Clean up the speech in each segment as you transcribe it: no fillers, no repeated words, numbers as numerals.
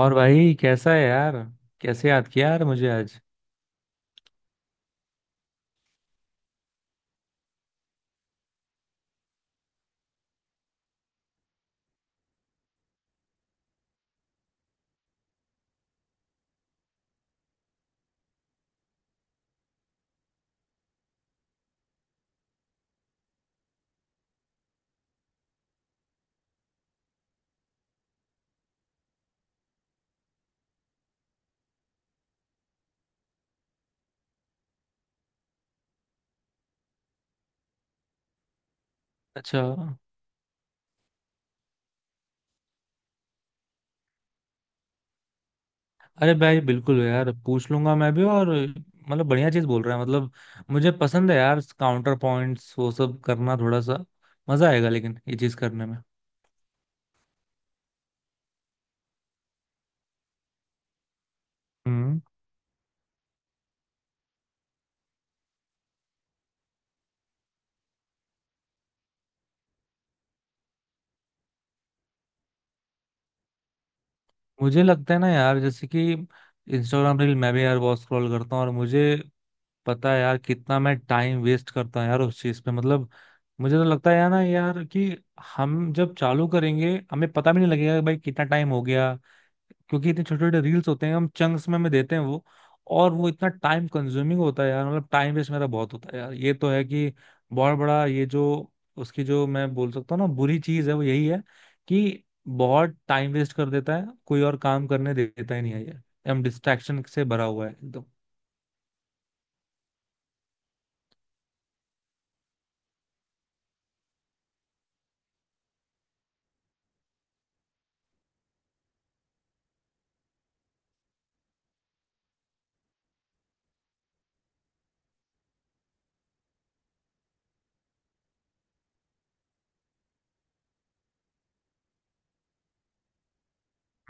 और भाई कैसा है यार। कैसे याद किया यार मुझे आज। अच्छा। अरे भाई बिल्कुल यार, पूछ लूंगा मैं भी। और मतलब बढ़िया चीज बोल रहा है मतलब। मुझे पसंद है यार काउंटर पॉइंट्स वो सब करना, थोड़ा सा मजा आएगा लेकिन ये चीज करने में। हम्म। मुझे लगता है ना यार, जैसे कि इंस्टाग्राम रील मैं भी यार बहुत स्क्रॉल करता हूँ, और मुझे पता है यार कितना मैं टाइम वेस्ट करता हूँ यार उस चीज पे, मतलब मुझे तो लगता है यार ना यार कि हम जब चालू करेंगे हमें पता भी नहीं लगेगा कि भाई कितना टाइम हो गया। क्योंकि इतने छोटे छोटे रील्स होते हैं, हम चंक्स में देते हैं वो। और वो इतना टाइम कंज्यूमिंग होता है यार, मतलब टाइम वेस्ट मेरा बहुत होता है यार, ये तो है कि बहुत बड़ा ये जो उसकी जो मैं बोल सकता हूँ ना बुरी चीज है वो यही है कि बहुत टाइम वेस्ट कर देता है, कोई और काम करने देता ही नहीं है ये। हम डिस्ट्रैक्शन से भरा हुआ है एकदम।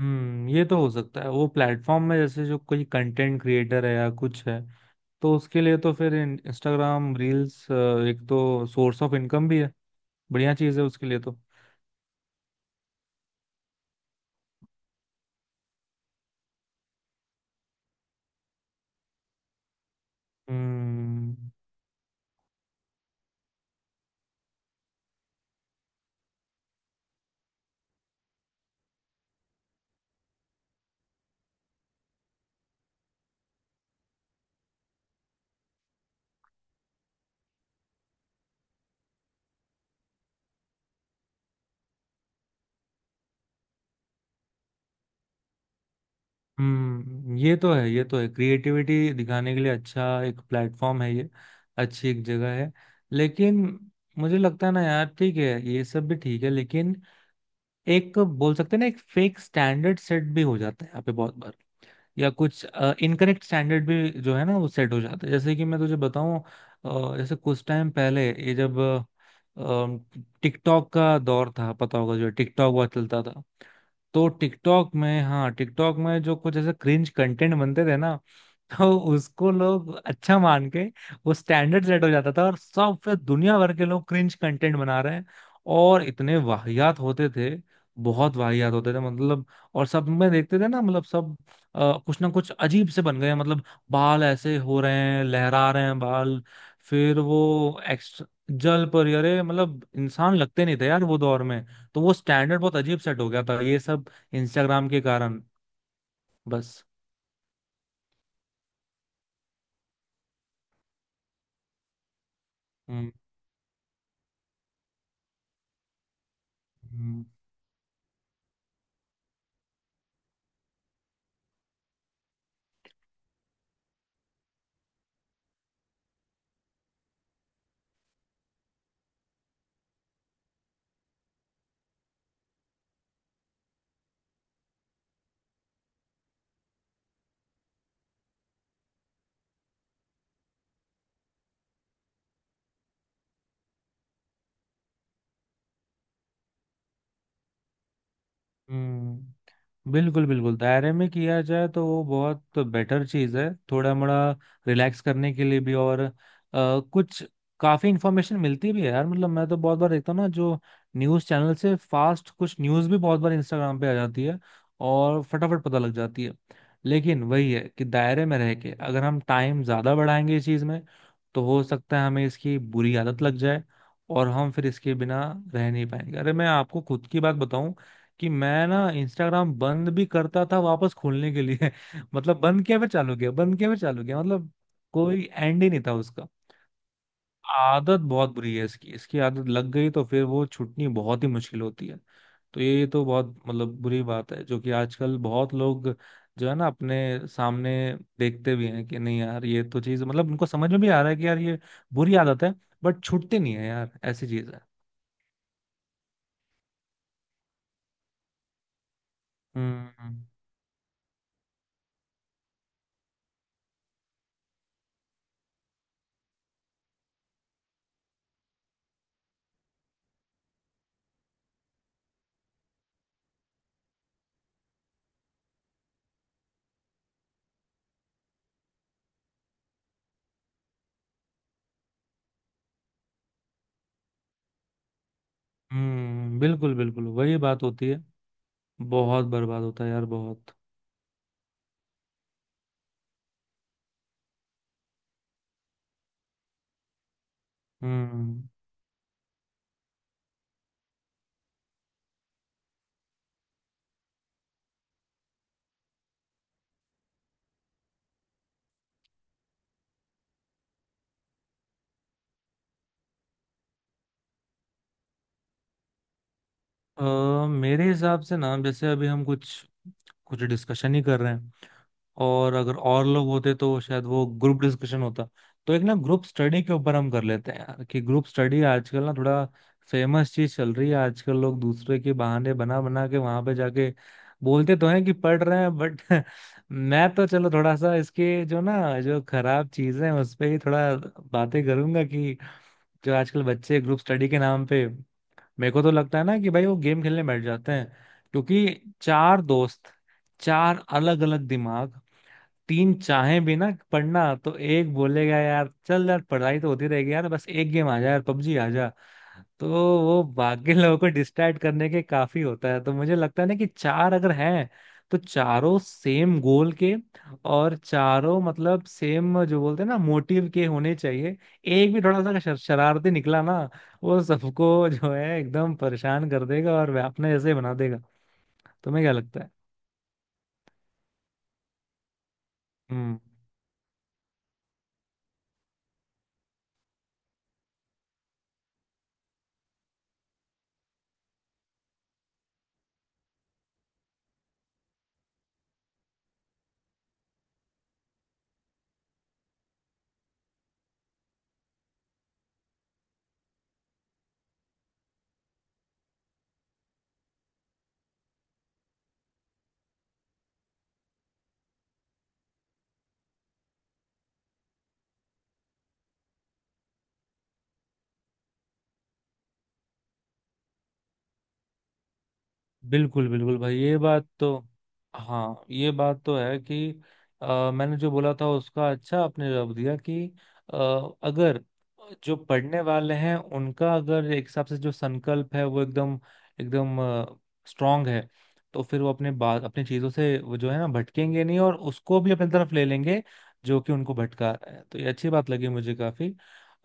हम्म, ये तो हो सकता है। वो प्लेटफॉर्म में जैसे जो कोई कंटेंट क्रिएटर है या कुछ है तो उसके लिए तो फिर इंस्टाग्राम रील्स एक तो सोर्स ऑफ इनकम भी है, बढ़िया चीज है उसके लिए तो। हम्म हम्म, ये तो है, ये तो है, क्रिएटिविटी दिखाने के लिए अच्छा एक प्लेटफॉर्म है ये, अच्छी एक जगह है। लेकिन मुझे लगता है ना यार, ठीक है ये सब भी ठीक है लेकिन एक बोल सकते हैं ना, एक फेक स्टैंडर्ड सेट भी हो जाता है यहाँ पे बहुत बार। या कुछ इनकरेक्ट स्टैंडर्ड भी जो है ना वो सेट हो जाता है। जैसे कि मैं तुझे बताऊं, जैसे कुछ टाइम पहले ये जब टिकटॉक का दौर था, पता होगा, जो टिकटॉक हुआ चलता था। तो टिकटॉक में, हाँ, टिकटॉक में जो कुछ ऐसे क्रिंज कंटेंट बनते थे ना, तो उसको लोग अच्छा मान के वो स्टैंडर्ड सेट हो जाता था, और सब फिर दुनिया भर के लोग क्रिंज कंटेंट बना रहे हैं। और इतने वाहियात होते थे, बहुत वाहियात होते थे मतलब। और सब में देखते थे ना, मतलब सब कुछ ना कुछ अजीब से बन गए हैं, मतलब बाल ऐसे हो रहे हैं, लहरा रहे हैं बाल। फिर वो एक्स, जल पर, अरे मतलब इंसान लगते नहीं थे यार वो दौर में। तो वो स्टैंडर्ड बहुत अजीब सेट हो गया था, ये सब इंस्टाग्राम के कारण, बस। हम्म हम्म हम्म। बिल्कुल बिल्कुल, दायरे में किया जाए तो वो बहुत बेटर चीज़ है, थोड़ा मोड़ा रिलैक्स करने के लिए भी। और कुछ काफ़ी इन्फॉर्मेशन मिलती भी है यार, मतलब मैं तो बहुत बार देखता हूँ ना, जो न्यूज़ चैनल से फास्ट कुछ न्यूज़ भी बहुत बार इंस्टाग्राम पे आ जाती है और फटाफट पता लग जाती है। लेकिन वही है कि दायरे में रह के अगर हम टाइम ज़्यादा बढ़ाएंगे इस चीज़ में तो हो सकता है हमें इसकी बुरी आदत लग जाए, और हम फिर इसके बिना रह नहीं पाएंगे। अरे मैं आपको खुद की बात बताऊं, कि मैं ना इंस्टाग्राम बंद भी करता था वापस खोलने के लिए, मतलब बंद किया फिर चालू किया, बंद किया फिर चालू किया, मतलब कोई एंड ही नहीं था उसका। आदत बहुत बुरी है इसकी, इसकी आदत लग गई तो फिर वो छूटनी बहुत ही मुश्किल होती है। तो ये तो बहुत मतलब बुरी बात है, जो कि आजकल बहुत लोग जो है ना अपने सामने देखते भी हैं कि नहीं यार ये तो चीज, मतलब उनको समझ में भी आ रहा है कि यार ये बुरी आदत है, बट छूटती नहीं है यार, ऐसी चीज है। हम्म हम्म, बिल्कुल बिल्कुल वही बात होती है। बहुत बर्बाद होता है यार, बहुत। हम्म। मेरे हिसाब से ना, जैसे अभी हम कुछ कुछ डिस्कशन ही कर रहे हैं, और अगर और लोग होते तो शायद वो ग्रुप डिस्कशन होता। तो एक ना ग्रुप स्टडी के ऊपर हम कर लेते हैं यार, कि ग्रुप स्टडी आजकल ना थोड़ा फेमस चीज चल रही है। आजकल लोग दूसरे के बहाने बना बना के वहां पे जाके बोलते तो हैं कि पढ़ रहे हैं बट मैं तो चलो थोड़ा सा इसके जो ना जो खराब चीजें हैं उस पे ही थोड़ा बातें करूंगा। कि जो आजकल बच्चे ग्रुप स्टडी के नाम पे, मेरे को तो लगता है ना कि भाई वो गेम खेलने बैठ जाते हैं। क्योंकि चार दोस्त, चार अलग अलग दिमाग, तीन चाहें भी ना पढ़ना तो एक बोलेगा यार चल यार पढ़ाई तो होती रहेगी यार, बस एक गेम आ जा यार पबजी आ जा। तो वो बाकी लोगों को डिस्ट्रैक्ट करने के काफी होता है। तो मुझे लगता है ना कि चार अगर हैं तो चारों सेम गोल के, और चारों मतलब सेम, जो बोलते हैं ना, मोटिव के होने चाहिए। एक भी थोड़ा सा अगर शरारती निकला ना, वो सबको जो है एकदम परेशान कर देगा और वे अपने जैसे बना देगा। तुम्हें क्या लगता है? हम्म बिल्कुल बिल्कुल भाई, ये बात तो। हाँ, ये बात तो है कि मैंने जो बोला था उसका अच्छा आपने जवाब दिया, कि अ, अगर जो पढ़ने वाले हैं उनका अगर एक हिसाब से जो संकल्प है वो एकदम एकदम स्ट्रांग है, तो फिर वो अपने बात अपनी चीजों से वो जो है ना भटकेंगे नहीं, और उसको भी अपनी तरफ ले लेंगे जो कि उनको भटका रहा है। तो ये अच्छी बात लगी मुझे काफी।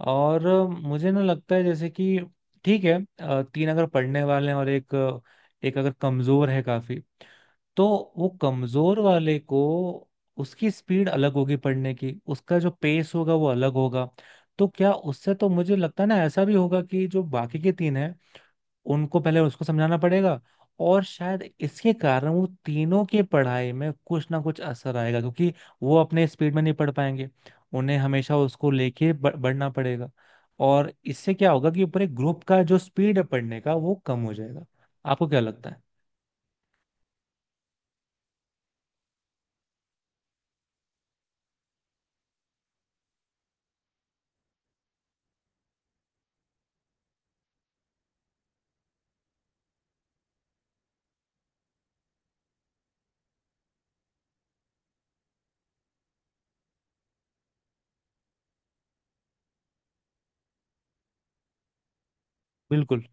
और मुझे ना लगता है, जैसे कि ठीक है, तीन अगर पढ़ने वाले हैं और एक, एक अगर कमजोर है काफी, तो वो कमजोर वाले को, उसकी स्पीड अलग होगी पढ़ने की, उसका जो पेस होगा वो अलग होगा। तो क्या उससे तो मुझे लगता है ना ऐसा भी होगा कि जो बाकी के तीन हैं उनको पहले उसको समझाना पड़ेगा, और शायद इसके कारण वो तीनों के पढ़ाई में कुछ ना कुछ असर आएगा, क्योंकि वो अपने स्पीड में नहीं पढ़ पाएंगे, उन्हें हमेशा उसको लेके बढ़ना पड़ेगा। और इससे क्या होगा कि पूरे ग्रुप का जो स्पीड है पढ़ने का वो कम हो जाएगा। आपको क्या लगता है? बिल्कुल।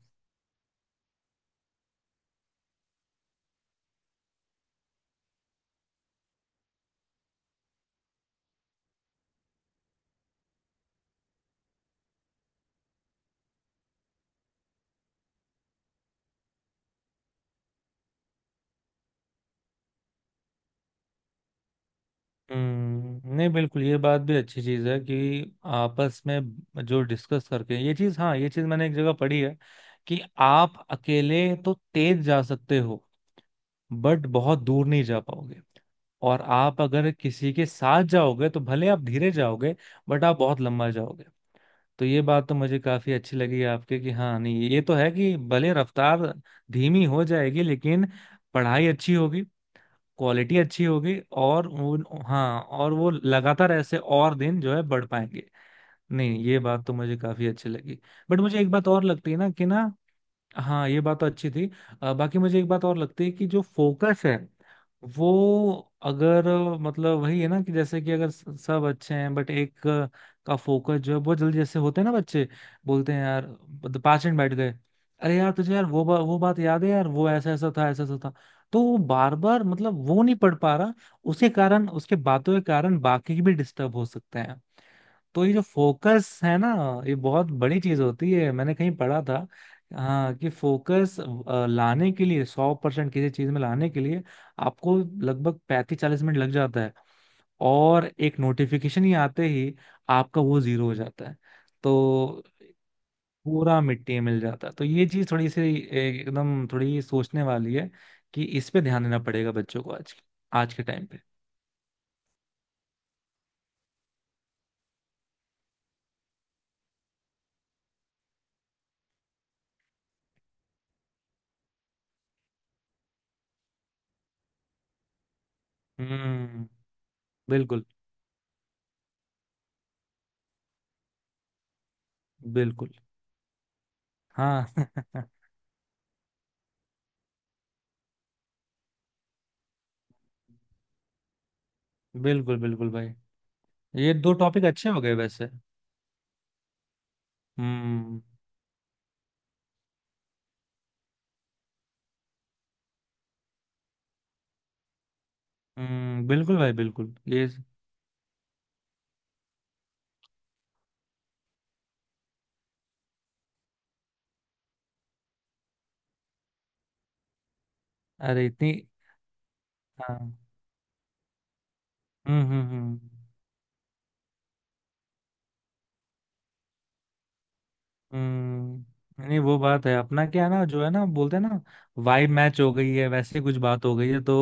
हम्म, नहीं बिल्कुल, ये बात भी अच्छी चीज है कि आपस में जो डिस्कस करके ये चीज, हाँ ये चीज मैंने एक जगह पढ़ी है कि आप अकेले तो तेज जा सकते हो, बट बहुत दूर नहीं जा पाओगे। और आप अगर किसी के साथ जाओगे तो भले आप धीरे जाओगे, बट आप बहुत लंबा जाओगे। तो ये बात तो मुझे काफी अच्छी लगी आपके। कि हाँ नहीं, ये तो है कि भले रफ्तार धीमी हो जाएगी लेकिन पढ़ाई अच्छी होगी, क्वालिटी अच्छी होगी, और उन, हाँ और वो लगातार ऐसे और दिन जो है बढ़ पाएंगे। नहीं ये बात तो मुझे काफी अच्छी लगी। बट मुझे एक बात और लगती है ना कि ना, हाँ ये बात तो अच्छी थी। बाकी मुझे एक बात और लगती है कि जो फोकस है, वो अगर मतलब वही है ना कि जैसे कि अगर सब अच्छे हैं बट एक का फोकस जो है बहुत जल्दी, जैसे होते हैं ना बच्चे, बोलते हैं यार मतलब 5 मिनट बैठ गए, अरे यार तुझे यार वो वो बात याद है यार, वो ऐसा ऐसा था ऐसा ऐसा था। तो वो बार बार, मतलब वो नहीं पढ़ पा रहा, उसके कारण उसके बातों के कारण बाकी भी डिस्टर्ब हो सकते हैं। तो ये जो फोकस है ना, ये बहुत बड़ी चीज होती है, मैंने कहीं पढ़ा था। हाँ, कि फोकस लाने के लिए, 100% किसी चीज में लाने के लिए आपको लगभग 35-40 मिनट लग जाता है, और एक नोटिफिकेशन ही आते ही आपका वो जीरो हो जाता है। तो पूरा मिट्टी में मिल जाता है। तो ये चीज थोड़ी सी एकदम थोड़ी सोचने वाली है, कि इस पे ध्यान देना पड़ेगा बच्चों को, आज, आज के टाइम पे। हम्म, बिल्कुल बिल्कुल। हाँ बिल्कुल बिल्कुल भाई। ये दो टॉपिक अच्छे हो गए वैसे। हम्म हम्म, बिल्कुल भाई बिल्कुल ये। अरे इतनी। हाँ। हम्म। हम्म, नहीं वो बात है, अपना क्या है ना, जो है ना बोलते हैं ना, वाइब मैच हो गई है, वैसे कुछ बात हो गई है तो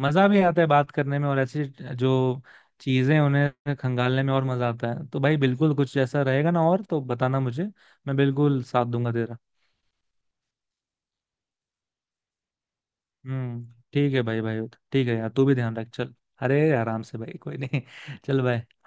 मजा भी आता है बात करने में, और ऐसी जो चीजें उन्हें खंगालने में और मजा आता है। तो भाई बिल्कुल कुछ ऐसा रहेगा, ना और तो बताना मुझे। मैं बिल्कुल साथ दूंगा तेरा। हम्म। ठीक है भाई भाई। ठीक है यार, तू भी ध्यान रख, चल। अरे आराम से भाई, कोई नहीं। चल भाई।